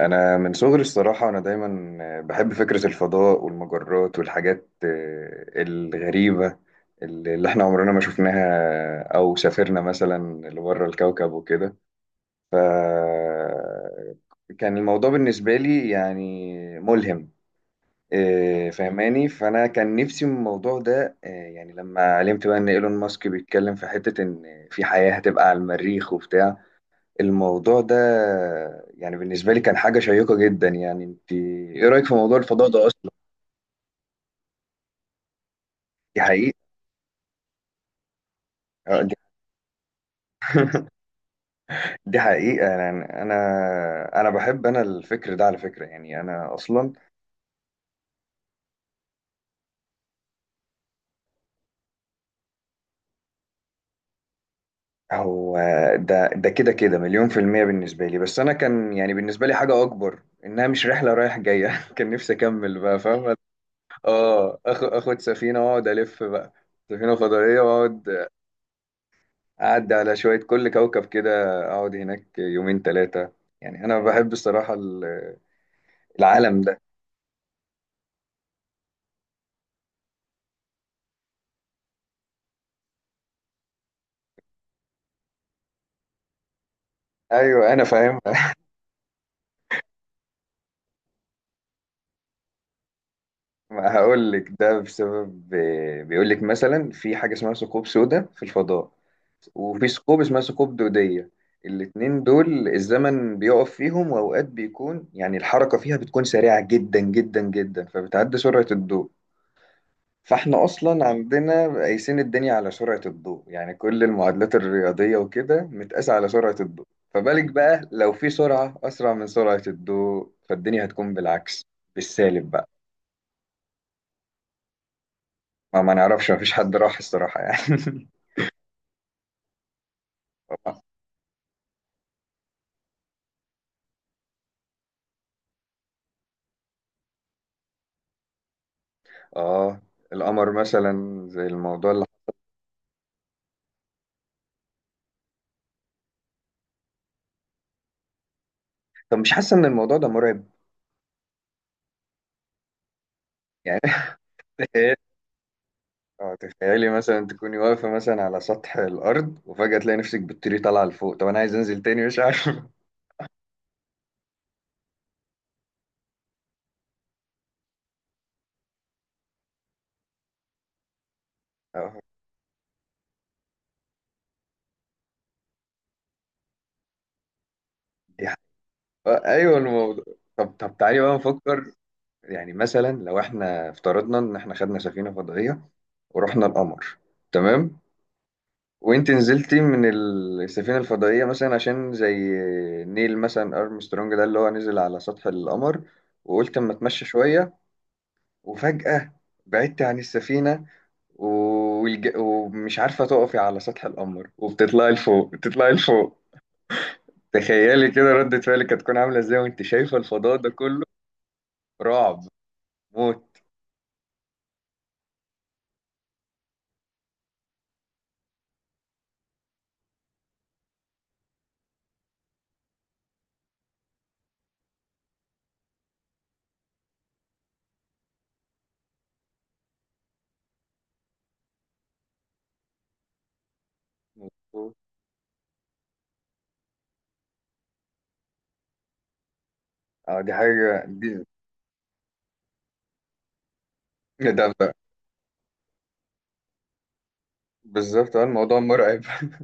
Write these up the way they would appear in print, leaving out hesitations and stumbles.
انا من صغري الصراحه انا دايما بحب فكره الفضاء والمجرات والحاجات الغريبه اللي احنا عمرنا ما شفناها او سافرنا مثلا لبره الكوكب وكده ف كان الموضوع بالنسبه لي يعني ملهم، فهماني. فانا كان نفسي من الموضوع ده، يعني لما علمت بقى ان ايلون ماسك بيتكلم في حته ان في حياه هتبقى على المريخ وبتاع الموضوع ده. يعني بالنسبة لي كان حاجة شيقة جدا. يعني انت ايه رأيك في موضوع الفضاء ده اصلا؟ دي حقيقة. دي. دي حقيقة. يعني أنا بحب، أنا الفكر ده على فكرة، يعني أنا أصلا هو ده، ده كده مليون في المية بالنسبة لي. بس أنا كان يعني بالنسبة لي حاجة أكبر، إنها مش رحلة رايح جاية. كان نفسي أكمل بقى، فاهمة؟ آه. آخد سفينة وأقعد ألف بقى، سفينة فضائية، وأقعد أعدي على شوية كل كوكب كده، أقعد هناك يومين ثلاثة. يعني أنا بحب الصراحة العالم ده. أيوه أنا فاهم. ما هقول لك ده بسبب، بيقول لك مثلا في حاجة اسمها ثقوب سوداء في الفضاء، وفي ثقوب اسمها ثقوب دودية. الاتنين دول الزمن بيقف فيهم، وأوقات بيكون يعني الحركة فيها بتكون سريعة جدا جدا جدا، فبتعدي سرعة الضوء. فاحنا اصلا عندنا قايسين الدنيا على سرعة الضوء، يعني كل المعادلات الرياضية وكده متقاسة على سرعة الضوء. فبالك بقى لو في سرعة اسرع من سرعة الضوء، فالدنيا هتكون بالعكس، بالسالب بقى. ما نعرفش، ما فيش حد راح الصراحة يعني. اه، القمر مثلا زي الموضوع اللي، طب مش حاسة ان الموضوع ده مرعب؟ يعني اه، تخيلي مثلا تكوني واقفة مثلا على سطح الأرض، وفجأة تلاقي نفسك بتطيري طالعة لفوق. طب أنا عايز أنزل تاني، مش عارف. اه، دي ايوه، الموضوع. طب تعالي بقى نفكر، يعني مثلا لو احنا افترضنا ان احنا خدنا سفينه فضائيه ورحنا القمر، تمام؟ وانت نزلتي من السفينه الفضائيه مثلا، عشان زي نيل مثلا ارمسترونج ده اللي هو نزل على سطح القمر، وقلت اما اتمشى شويه، وفجاه بعدت عن السفينه، ومش عارفه تقفي على سطح القمر، وبتطلعي لفوق بتطلعي لفوق، تخيلي كده ردة فعلك هتكون عامله ازاي، وانت شايفه الفضاء ده كله؟ رعب، موت، موت. اه دي حاجة دي. إيه ده ده- بالظبط، اه الموضوع مرعب.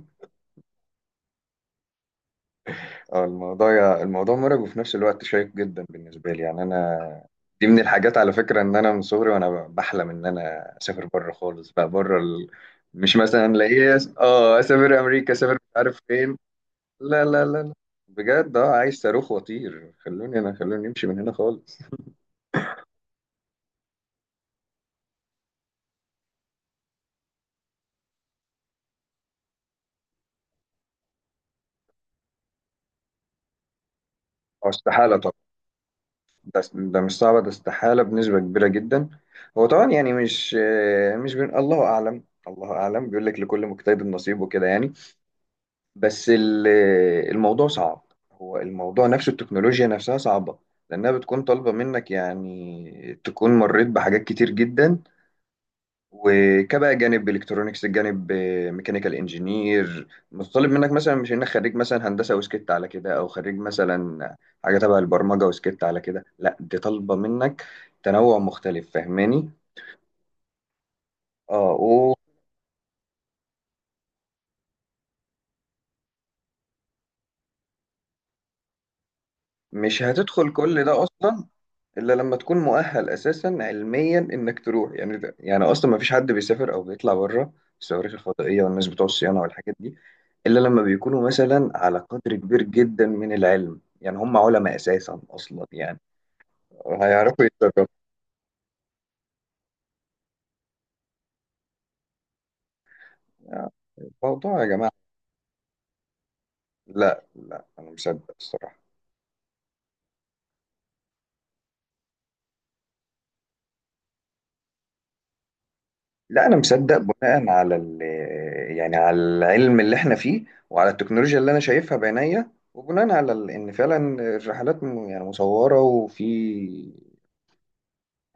اه، الموضوع مرعب وفي نفس الوقت شيق جدا بالنسبة لي. يعني أنا دي من الحاجات على فكرة، إن أنا من صغري وأنا بحلم إن أنا أسافر بره خالص بقى، مش مثلا لاقيه اه أسافر أمريكا، أسافر مش عارف فين. لا لا لا لا، بجد اه عايز صاروخ وأطير، خلوني أنا، خلوني أمشي من هنا خالص. اه استحالة طبعا. ده مش صعبة، ده استحالة بنسبة كبيرة جدا. هو طبعا يعني مش، مش بين، الله أعلم، الله أعلم. بيقول لك لكل مجتهد نصيب وكده يعني. بس الموضوع صعب. هو الموضوع نفسه، التكنولوجيا نفسها صعبة، لأنها بتكون طالبة منك يعني تكون مريت بحاجات كتير جدا، وكبقى جانب الكترونكس، جانب ميكانيكال انجينير، متطلب منك مثلا مش انك خريج مثلا هندسه وسكت على كده، او خريج مثلا حاجه تبع البرمجه وسكت على كده. لا دي طالبه منك تنوع مختلف، فاهماني؟ اه، مش هتدخل كل ده اصلا، الا لما تكون مؤهل اساسا علميا انك تروح. يعني ده يعني اصلا ما فيش حد بيسافر او بيطلع بره، الصواريخ الفضائيه والناس بتوع الصيانه والحاجات دي، الا لما بيكونوا مثلا على قدر كبير جدا من العلم. يعني هم علماء اساسا اصلا، يعني هيعرفوا يتصرفوا. يعني الموضوع يا جماعه، لا انا مصدق الصراحه. لا انا مصدق بناء على ال، يعني على العلم اللي احنا فيه، وعلى التكنولوجيا اللي انا شايفها بعينيا، وبناء على ان فعلا يعني مصوره، وفي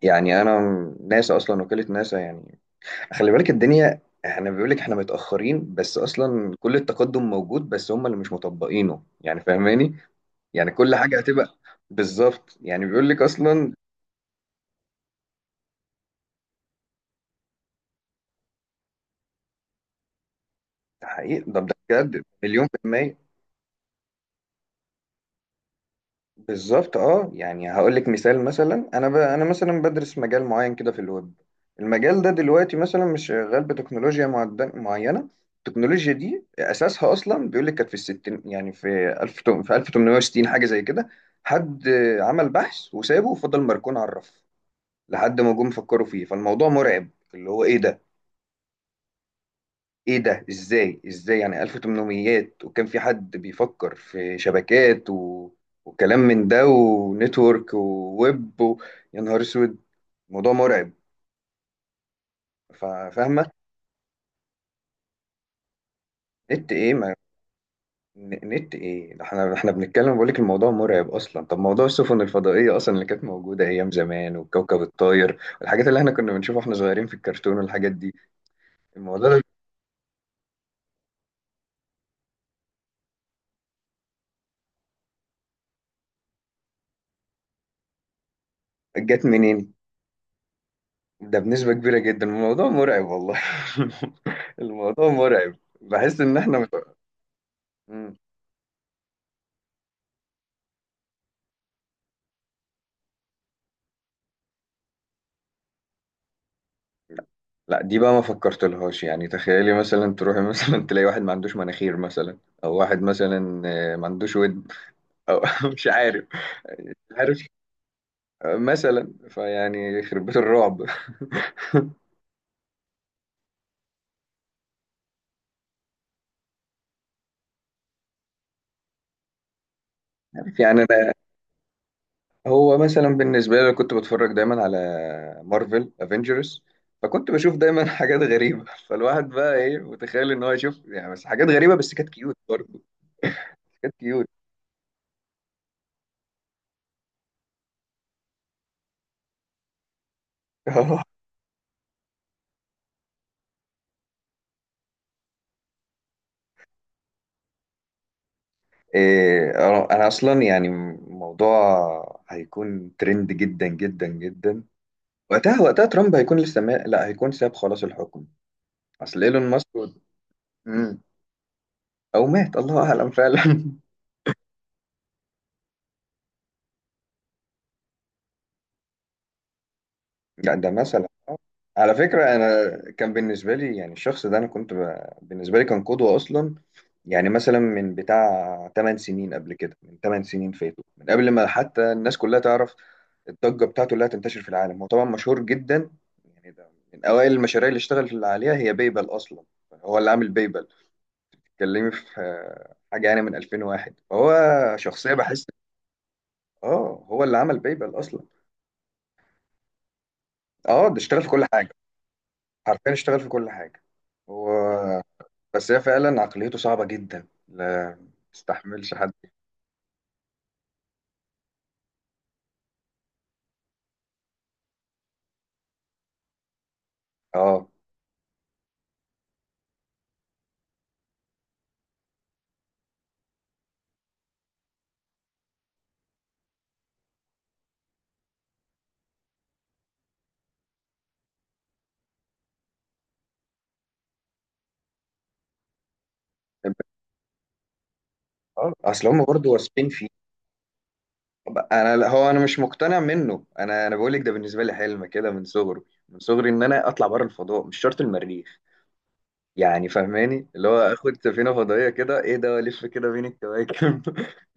يعني انا، ناسا اصلا، وكاله ناسا يعني، خلي بالك الدنيا، احنا بيقول لك احنا متاخرين بس اصلا كل التقدم موجود، بس هم اللي مش مطبقينه، يعني فاهماني؟ يعني كل حاجه هتبقى بالظبط، يعني بيقول لك اصلا تحقيق. طب ده بجد مليون في المية. بالظبط اه. يعني هقول لك مثال مثلا، انا انا مثلا بدرس مجال معين كده في الويب. المجال ده دلوقتي مثلا مش شغال بتكنولوجيا معينه. التكنولوجيا دي اساسها اصلا بيقول لك كانت في الستين، يعني في في 1860 حاجه زي كده، حد عمل بحث وسابه وفضل مركون على الرف، لحد ما جم فكروا فيه. فالموضوع مرعب، اللي هو ايه ده، ازاي، ازاي يعني 1800 وكان في حد بيفكر في شبكات و... وكلام من ده، ونتورك وويب و... يا نهار اسود، الموضوع مرعب. فاهمه. نت ايه ما... نت ايه ده؟ احنا بنتكلم، بقول لك الموضوع مرعب اصلا. طب موضوع السفن الفضائيه اصلا اللي كانت موجوده ايام زمان، والكوكب الطاير والحاجات اللي احنا كنا بنشوفها واحنا صغيرين في الكرتون والحاجات دي، الموضوع ده جت منين؟ ده بنسبة كبيرة جدا الموضوع مرعب والله. الموضوع مرعب، بحس ان احنا مت... مم. لا دي بقى ما فكرت لهاش، يعني تخيلي مثلا تروحي مثلا تلاقي واحد ما عندوش مناخير مثلا، او واحد مثلا ما عندوش ود، او مش عارف، مش عارف، مثلا فيعني يخرب بيت الرعب. يعني هو مثلا بالنسبة لي كنت بتفرج دايما على مارفل افنجرز، فكنت بشوف دايما حاجات غريبة. فالواحد بقى ايه متخيل ان هو يشوف يعني بس حاجات غريبة، بس كانت كيوت برضه، كانت كيوت. إيه، أنا أصلا يعني الموضوع هيكون ترند جدا جدا جدا وقتها. وقتها ترامب هيكون لسه ما... لا هيكون ساب خلاص الحكم. أصل إيلون ماسك، مم. أو مات الله أعلم فعلا. يعني ده مثلا، على فكرة أنا كان بالنسبة لي يعني الشخص ده، أنا كنت بالنسبة لي كان قدوة أصلا. يعني مثلا من بتاع 8 سنين قبل كده، من 8 سنين فاتوا، من قبل ما حتى الناس كلها تعرف الضجة بتاعته اللي هتنتشر في العالم. هو طبعا مشهور جدا. يعني ده من أوائل المشاريع اللي اشتغل عليها هي بيبل أصلا، هو اللي عامل بيبل، اتكلمي في حاجة يعني من 2001، هو شخصية بحس، اه هو اللي عمل بيبل أصلا. اه ده اشتغل في كل حاجة، حرفيا اشتغل في كل حاجة. هو بس هي فعلا عقليته صعبة جدا، لا تستحملش حد. اه اه. اصل هم برضه واثقين فيه. طب انا لا، هو انا مش مقتنع منه. انا انا بقول لك ده بالنسبه لي حلم كده من صغري، من صغري ان انا اطلع بره الفضاء، مش شرط المريخ. يعني فاهماني اللي هو اخد سفينه فضائيه كده، ايه ده والف كده بين الكواكب.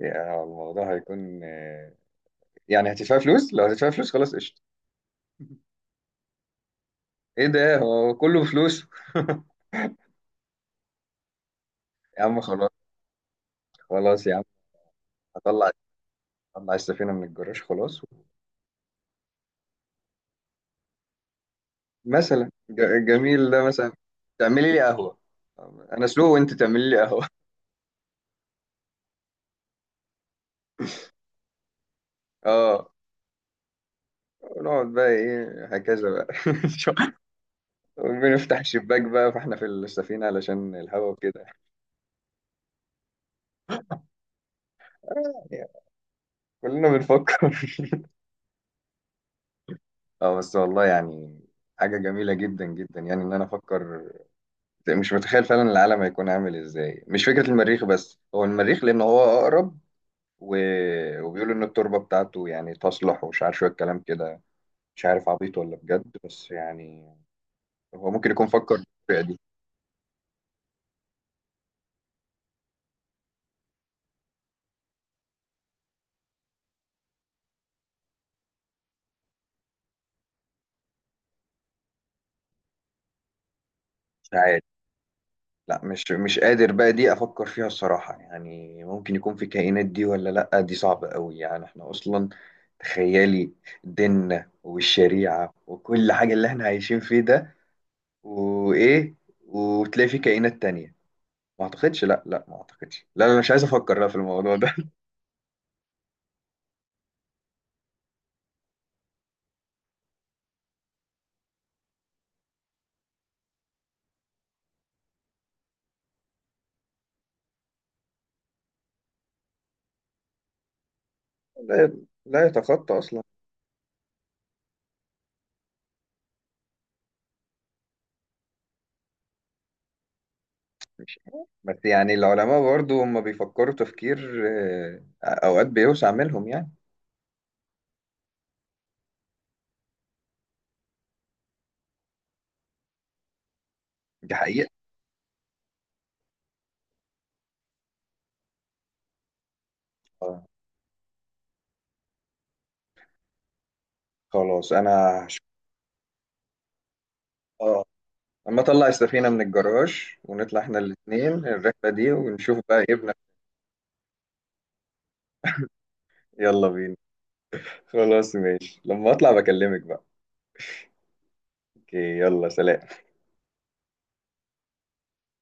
يعني الموضوع هيكون، يعني هتدفع فلوس، لو هتدفع فلوس خلاص قشطه. ايه ده هو كله فلوس. يا عم خلاص، خلاص يا عم. هطلع، هطلع السفينه من الجراج خلاص. مثلا جميل ده مثلا. تعملي لي قهوة، أنا سلو وأنت تعملي لي قهوة. أه، ونقعد بقى إيه هكذا بقى. بنفتح الشباك بقى فإحنا في السفينة علشان الهوا وكده. يعني كلنا بنفكر. أه بس والله يعني حاجة جميلة جدا جدا، يعني إن أنا أفكر، مش متخيل فعلا العالم هيكون عامل إزاي. مش فكرة المريخ بس، هو المريخ لأن هو أقرب و... وبيقولوا إن التربة بتاعته يعني تصلح، ومش عارف شوية كلام كده، مش عارف عبيط ولا بجد، بس يعني هو ممكن يكون فكر بالطريقة دي. مش عارف. لا مش مش قادر بقى دي افكر فيها الصراحة، يعني ممكن يكون في كائنات دي ولا لا، دي صعبة قوي. يعني احنا اصلا تخيلي، ديننا والشريعة وكل حاجة اللي احنا عايشين فيه ده، وايه، وتلاقي في كائنات تانية؟ ما اعتقدش، لا لا ما اعتقدش، لا انا مش عايز افكر لا في الموضوع ده. لا، لا يتخطى اصلا. مش عارف. بس يعني العلماء برضو هم بيفكروا تفكير اوقات بيوسع منهم يعني. دي حقيقة. آه، خلاص انا هش- اه اما اطلع السفينة من الجراج ونطلع احنا الاتنين الرحلة دي ونشوف بقى ايه بنا. يلا بينا. خلاص ماشي، لما اطلع بكلمك بقى. اوكي يلا سلام.